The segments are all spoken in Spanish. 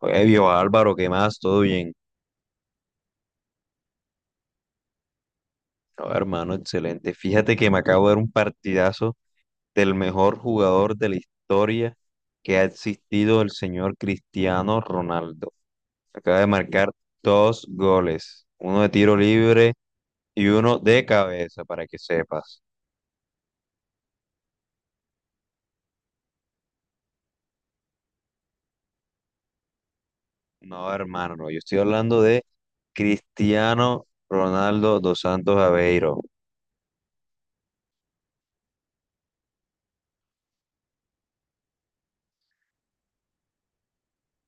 Oye, viejo Álvaro, ¿qué más? ¿Todo bien? No, hermano, excelente. Fíjate que me acabo de ver un partidazo del mejor jugador de la historia que ha existido, el señor Cristiano Ronaldo. Acaba de marcar dos goles, uno de tiro libre y uno de cabeza, para que sepas. No, hermano, no, yo estoy hablando de Cristiano Ronaldo dos Santos Aveiro.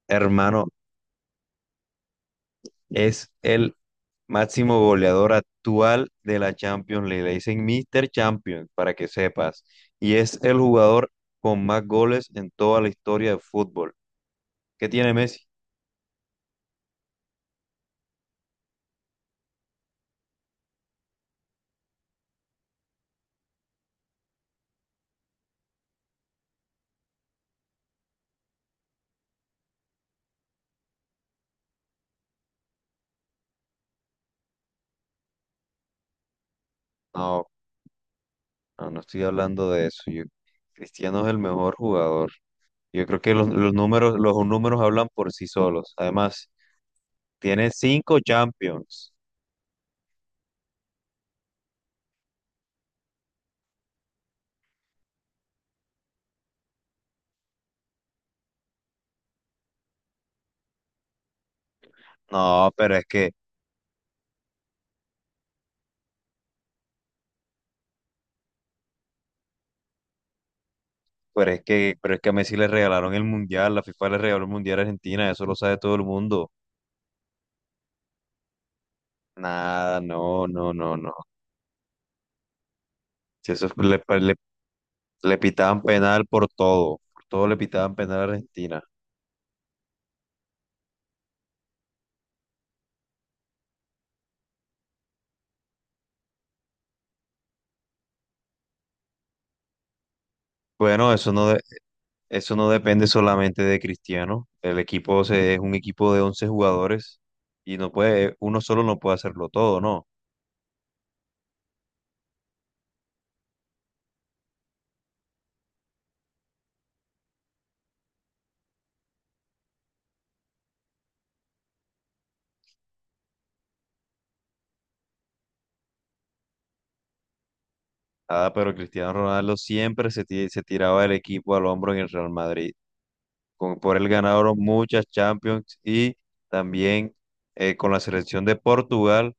Hermano, es el máximo goleador actual de la Champions League. Le dicen Mr. Champions, para que sepas. Y es el jugador con más goles en toda la historia del fútbol. ¿Qué tiene Messi? No, no, no estoy hablando de eso. Cristiano es el mejor jugador. Yo creo que los números, los números hablan por sí solos. Además, tiene cinco Champions. No, pero es que, pero es que, pero es que a Messi le regalaron el Mundial, la FIFA le regaló el Mundial a Argentina, eso lo sabe todo el mundo. Nada, no, no, no, no. Si eso fue- le, pa- le- Le pitaban penal por todo le pitaban penal a Argentina. Bueno, eso no depende solamente de Cristiano. Es un equipo de 11 jugadores y no puede, uno solo no puede hacerlo todo, ¿no? Ah, pero Cristiano Ronaldo siempre se tiraba el equipo al hombro en el Real Madrid. Con, por él ganaron muchas Champions y también con la selección de Portugal,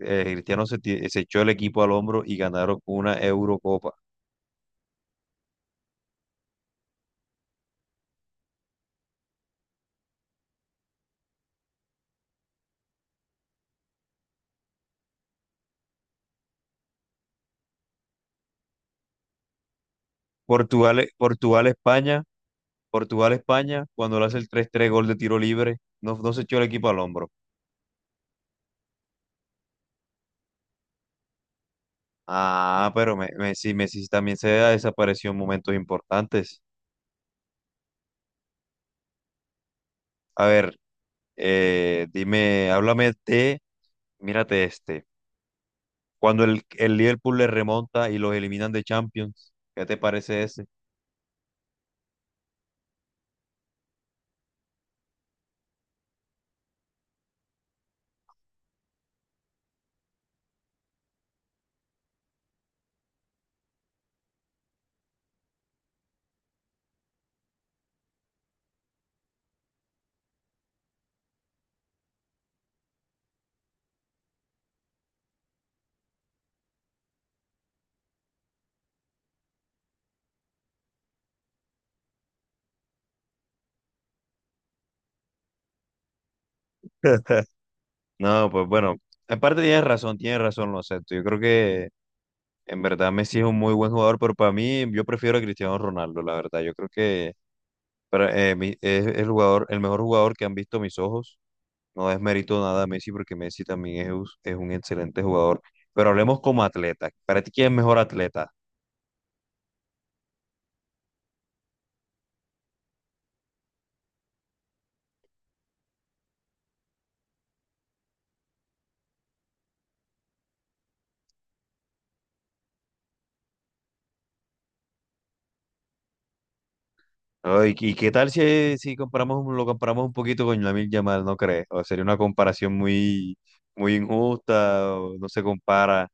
Cristiano se echó el equipo al hombro y ganaron una Eurocopa. Portugal, Portugal, España, Portugal, España, cuando le hace el tres tres gol de tiro libre, no, no se echó el equipo al hombro. Ah, pero Messi, Messi también se desapareció en momentos importantes. A ver, dime, háblame de, mírate este, cuando el Liverpool le remonta y los eliminan de Champions, ¿qué te parece ese? No, pues bueno, en parte tienes razón, lo acepto. Yo creo que en verdad Messi es un muy buen jugador, pero para mí yo prefiero a Cristiano Ronaldo, la verdad. Yo creo que es el mejor jugador que han visto mis ojos. No desmerito nada a Messi porque Messi también es un excelente jugador. Pero hablemos como atleta. ¿Para ti quién es mejor atleta? Ay, ¿y qué tal si comparamos, lo comparamos un poquito con Lamine Yamal, no crees? O sería una comparación muy, muy injusta, o no se compara.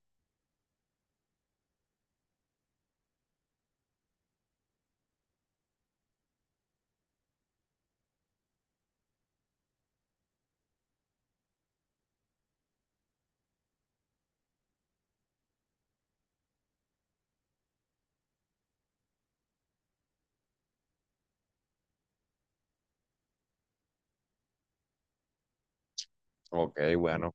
Ok,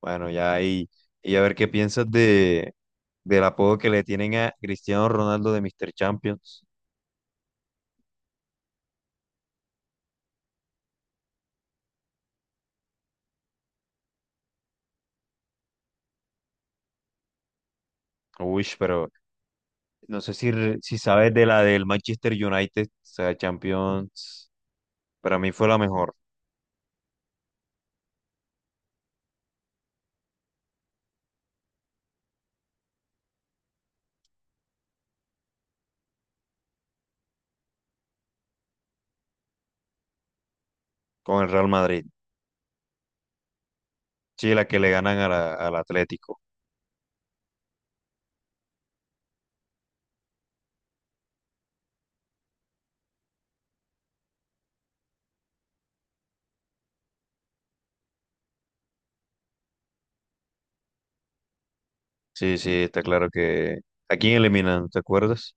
bueno, ya ahí. Y a ver qué piensas de, del apodo que le tienen a Cristiano Ronaldo de Mr. Champions. Uy, pero no sé si sabes de la del Manchester United, o sea, Champions, para mí fue la mejor, con el Real Madrid. Sí, la que le ganan a al Atlético. Sí, sí, está claro que... ¿A quién eliminan? ¿Te acuerdas?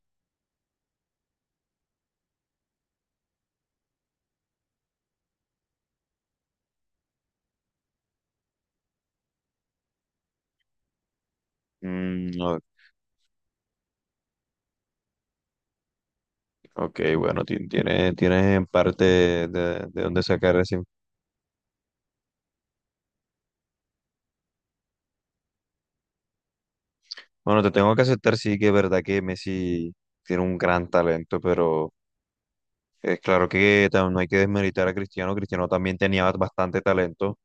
Mm, o- ok, bueno, tienes, tienes en parte de dónde sacar ese... Bueno, te tengo que aceptar, sí, que es verdad que Messi tiene un gran talento, pero es claro que no hay que desmeritar a Cristiano. Cristiano también tenía bastante talento.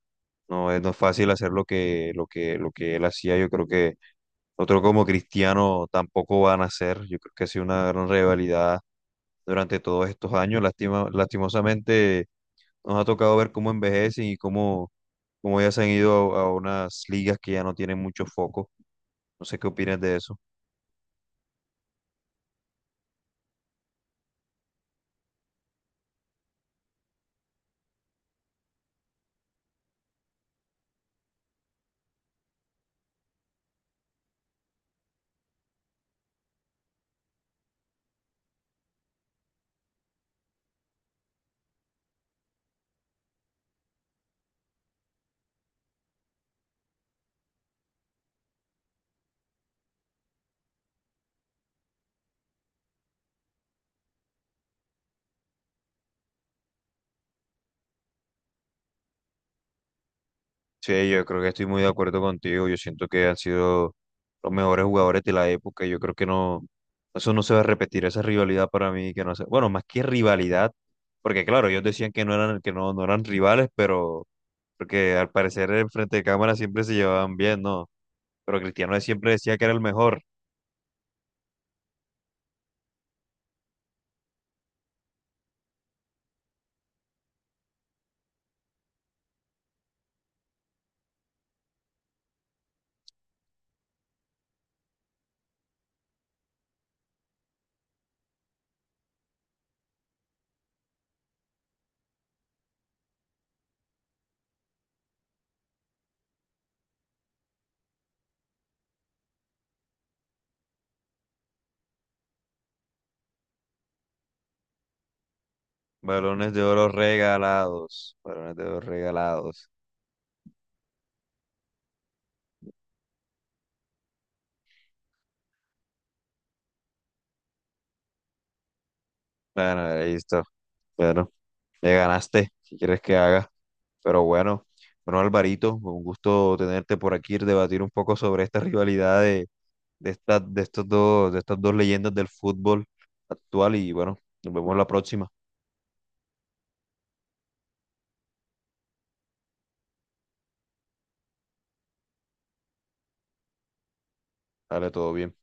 No es fácil hacer lo que él hacía. Yo creo que otro como Cristiano tampoco van a hacer. Yo creo que ha sido una gran rivalidad durante todos estos años. Lastimosamente nos ha tocado ver cómo envejecen y cómo, cómo ya se han ido a unas ligas que ya no tienen mucho foco. No sé qué opinas de eso. Sí, yo creo que estoy muy de acuerdo contigo. Yo siento que han sido los mejores jugadores de la época. Yo creo que no, eso no se va a repetir, esa rivalidad para mí que no sé. Bueno, más que rivalidad, porque claro, ellos decían que no eran, que no, no eran rivales, pero porque al parecer en frente de cámara siempre se llevaban bien, ¿no? Pero Cristiano siempre decía que era el mejor. Balones de oro regalados. Balones de oro regalados. Bueno, listo. Bueno, me ganaste. Si quieres que haga. Pero bueno, bueno, Alvarito, un gusto tenerte por aquí, debatir un poco sobre esta rivalidad de, de estos dos, de estas dos leyendas del fútbol actual. Y bueno, nos vemos la próxima. Dale, todo bien.